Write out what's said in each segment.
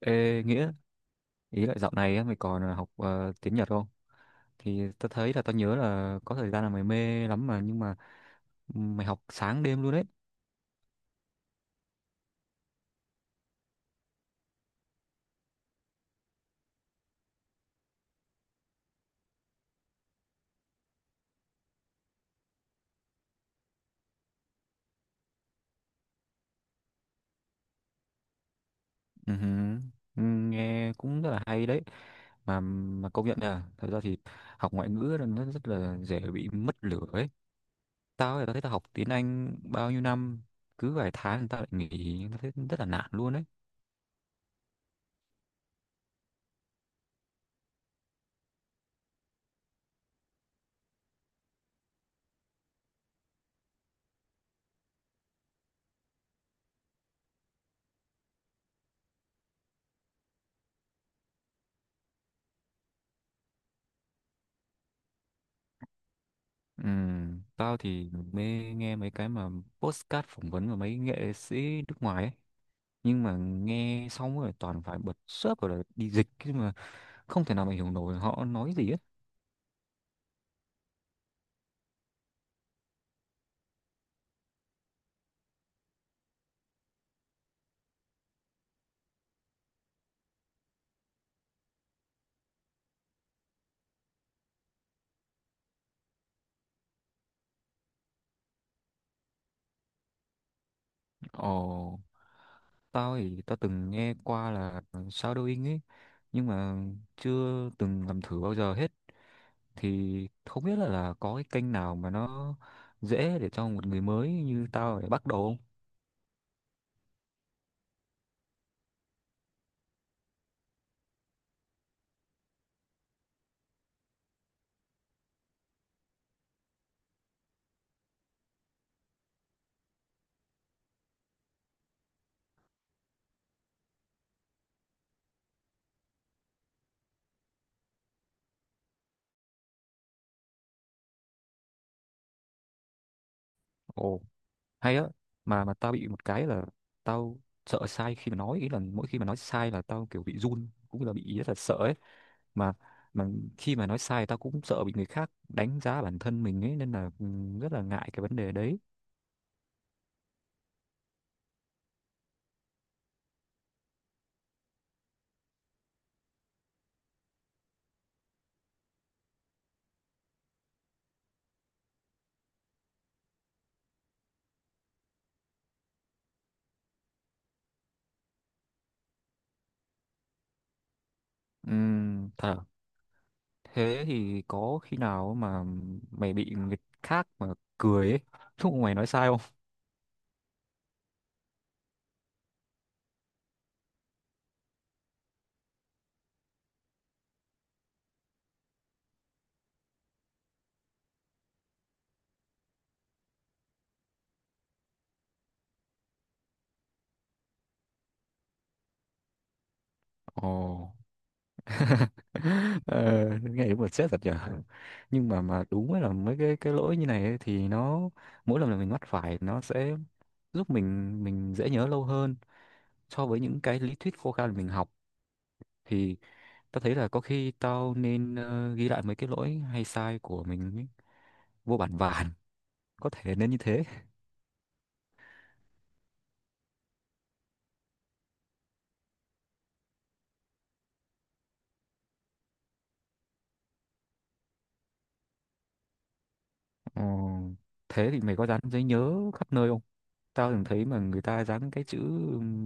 Ê, Nghĩa, ý là dạo này á, mày còn học tiếng Nhật không? Thì tao thấy là tao nhớ là có thời gian là mày mê lắm mà nhưng mà mày học sáng đêm luôn đấy. Ừ hừ, ừ, nghe cũng rất là hay đấy. Mà công nhận là thật ra thì học ngoại ngữ là nó rất là dễ bị mất lửa ấy. Tao thì tao thấy tao học tiếng Anh bao nhiêu năm, cứ vài tháng tao lại nghỉ, tao thấy rất là nản luôn đấy. Ừ, tao thì mê nghe mấy cái mà podcast phỏng vấn của mấy nghệ sĩ nước ngoài ấy. Nhưng mà nghe xong rồi toàn phải bật sub rồi là đi dịch chứ mà không thể nào mà hiểu nổi họ nói gì hết. Ồ, tao thì tao từng nghe qua là shadowing ấy nhưng mà chưa từng làm thử bao giờ hết, thì không biết là có cái kênh nào mà nó dễ để cho một người mới như tao để bắt đầu không? Ồ, hay á, mà tao bị một cái là tao sợ sai khi mà nói, ý là mỗi khi mà nói sai là tao kiểu bị run cũng là bị rất là sợ ấy, mà mà khi mà nói sai tao cũng sợ bị người khác đánh giá bản thân mình ấy nên là rất là ngại cái vấn đề đấy. Thật à? Thế thì có khi nào mà mày bị người khác mà cười ấy lúc mà mày nói sai không? Ồ. ờ, Nghe đúng là stress thật nhở. Nhưng mà đúng là mấy cái lỗi như này ấy, thì nó mỗi lần là mình mắc phải nó sẽ giúp mình dễ nhớ lâu hơn so với những cái lý thuyết khô khan mà mình học, thì tao thấy là có khi tao nên ghi lại mấy cái lỗi hay sai của mình ấy, vô bản vàn, có thể nên như thế. Ờ, thế thì mày có dán giấy nhớ khắp nơi không? Tao từng thấy mà người ta dán cái chữ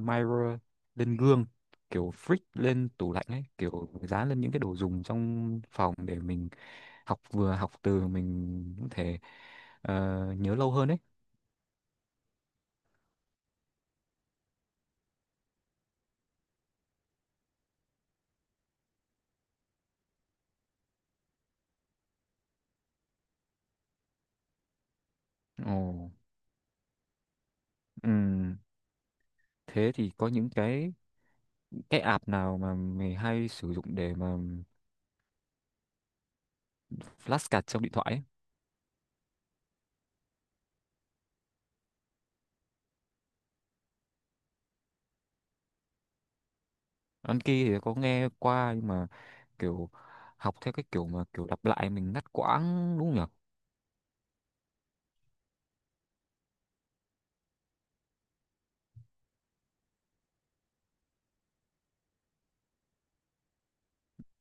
mirror lên gương, kiểu freak lên tủ lạnh ấy, kiểu dán lên những cái đồ dùng trong phòng để mình học, vừa học từ mình có thể ờ, nhớ lâu hơn ấy. Ồ. Ừm, thế thì có những cái app nào mà mày hay sử dụng để mà flashcard trong điện thoại ấy? Anki thì có nghe qua nhưng mà kiểu học theo cái kiểu mà kiểu lặp lại mình ngắt quãng đúng không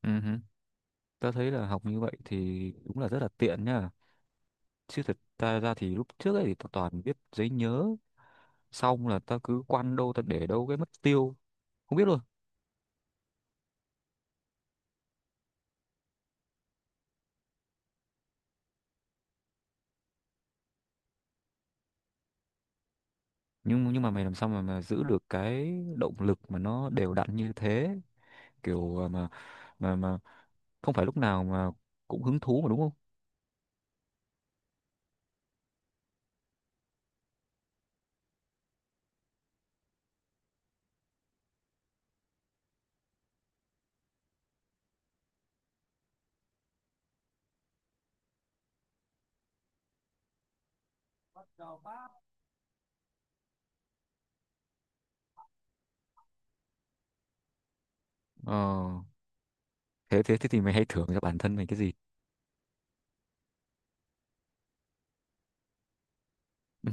nhỉ? Tớ thấy là học như vậy thì đúng là rất là tiện nhá. Chứ thật ta ra thì lúc trước ấy thì tao toàn viết giấy nhớ, xong là ta cứ quăng đâu ta để đâu cái mất tiêu, không biết luôn. Nhưng mà mày làm sao mà giữ được cái động lực mà nó đều đặn như thế, kiểu à, mà không phải lúc nào mà cũng hứng thú mà đúng không? Ờ, thế thế thế thì mày hay thưởng cho bản thân mày cái gì? Ừ.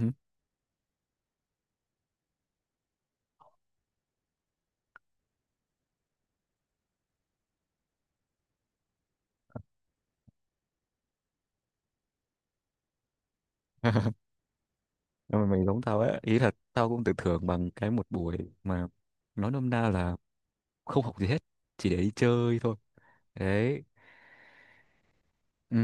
Nhưng mà mày giống tao ấy, ý là tao cũng tự thưởng bằng cái một buổi mà nói nôm na là không học gì hết, chỉ để đi chơi thôi đấy. Ừ.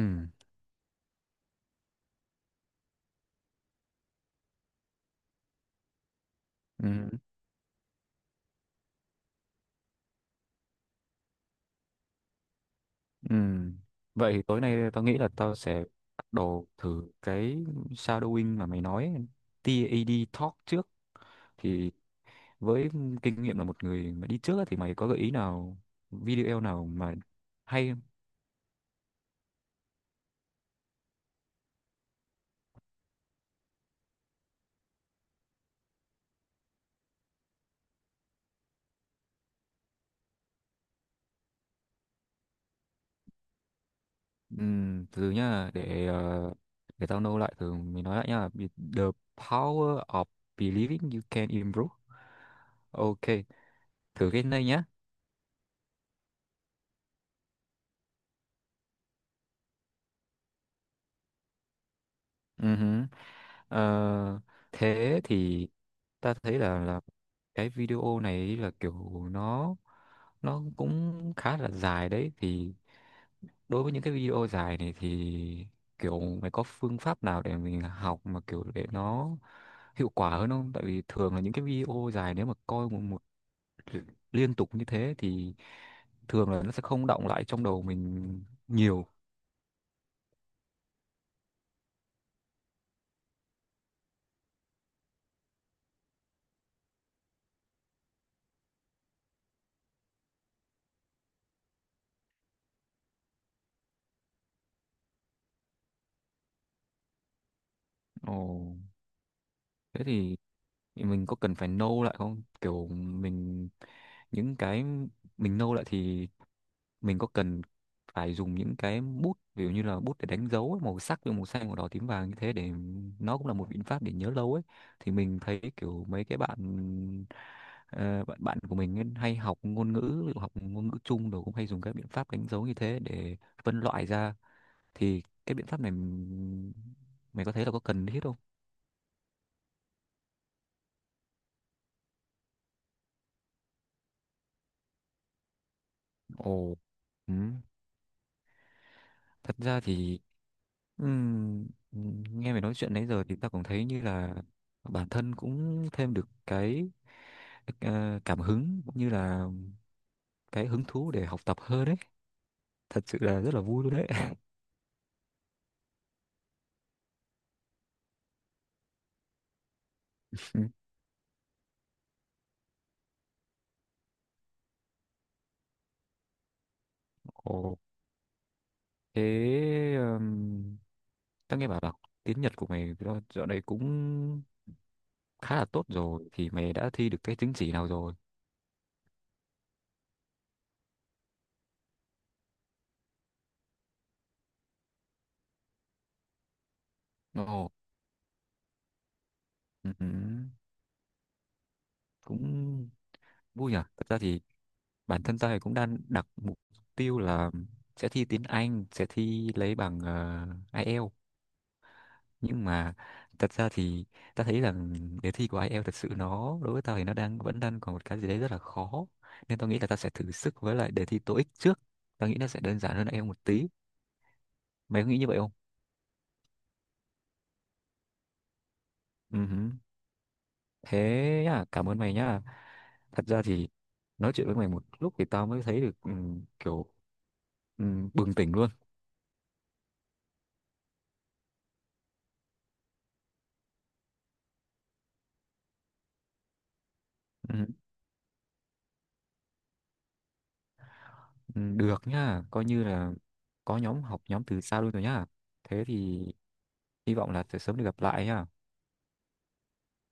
Ừ. Ừ, vậy thì tối nay tao nghĩ là tao sẽ bắt đầu thử cái shadowing mà mày nói, tê a TAD Talk trước thì, với kinh nghiệm là một người mà đi trước á, thì mày có gợi ý nào, video nào mà hay không? Từ nhá, để để tao nâu lại từ mình nói lại nhá. The power of believing you can improve. OK, thử cái này nhá. Ừ hứ. Ờ, thế thì ta thấy là cái video này là kiểu nó cũng khá là dài đấy, thì đối với những cái video dài này thì kiểu mày có phương pháp nào để mình học mà kiểu để nó hiệu quả hơn không? Tại vì thường là những cái video dài nếu mà coi một liên tục như thế thì thường là nó sẽ không đọng lại trong đầu mình nhiều. Ồ, thế thì mình có cần phải nâu lại không, kiểu mình những cái mình nâu lại thì mình có cần phải dùng những cái bút, ví dụ như là bút để đánh dấu ấy, màu sắc như màu xanh màu đỏ tím vàng như thế, để nó cũng là một biện pháp để nhớ lâu ấy, thì mình thấy kiểu mấy cái bạn, ờ, bạn của mình ấy, hay học ngôn ngữ, ví dụ học ngôn ngữ chung rồi cũng hay dùng các biện pháp đánh dấu như thế để phân loại ra, thì cái biện pháp này mày có thấy là có cần thiết không? Ồ. Ừ. Thật ra thì nghe mày nói chuyện nãy giờ thì tao cũng thấy như là bản thân cũng thêm được cái cảm hứng, cũng như là cái hứng thú để học tập hơn đấy, thật sự là rất là vui luôn đấy. Ừ. Ồ, thế tao nghe bảo là tiếng Nhật của mày do- dạo này cũng khá là tốt rồi, thì mày đã thi được cái chứng chỉ nào rồi? Ồ, ừ, ừ, cũng vui nhỉ. Thật ra thì bản thân tôi cũng đang đặt mục tiêu là sẽ thi tiếng Anh, sẽ thi lấy bằng IELTS, nhưng mà thật ra thì ta thấy rằng đề thi của IELTS thật sự nó đối với tao thì nó đang vẫn đang còn một cái gì đấy rất là khó, nên tao nghĩ là ta sẽ thử sức với lại đề thi TOEIC trước, tao nghĩ nó sẽ đơn giản hơn IELTS một tí, mày có nghĩ như vậy không? Ừ hử. Thế nhá, cảm ơn mày nhá, thật ra thì nói chuyện với mày một lúc thì tao mới thấy được ừ, kiểu ừ, bừng tỉnh luôn. Ừ. Ừ, được nhá, coi như là có nhóm học, nhóm từ xa luôn rồi nhá. Thế thì hy vọng là sẽ sớm được gặp lại nhá.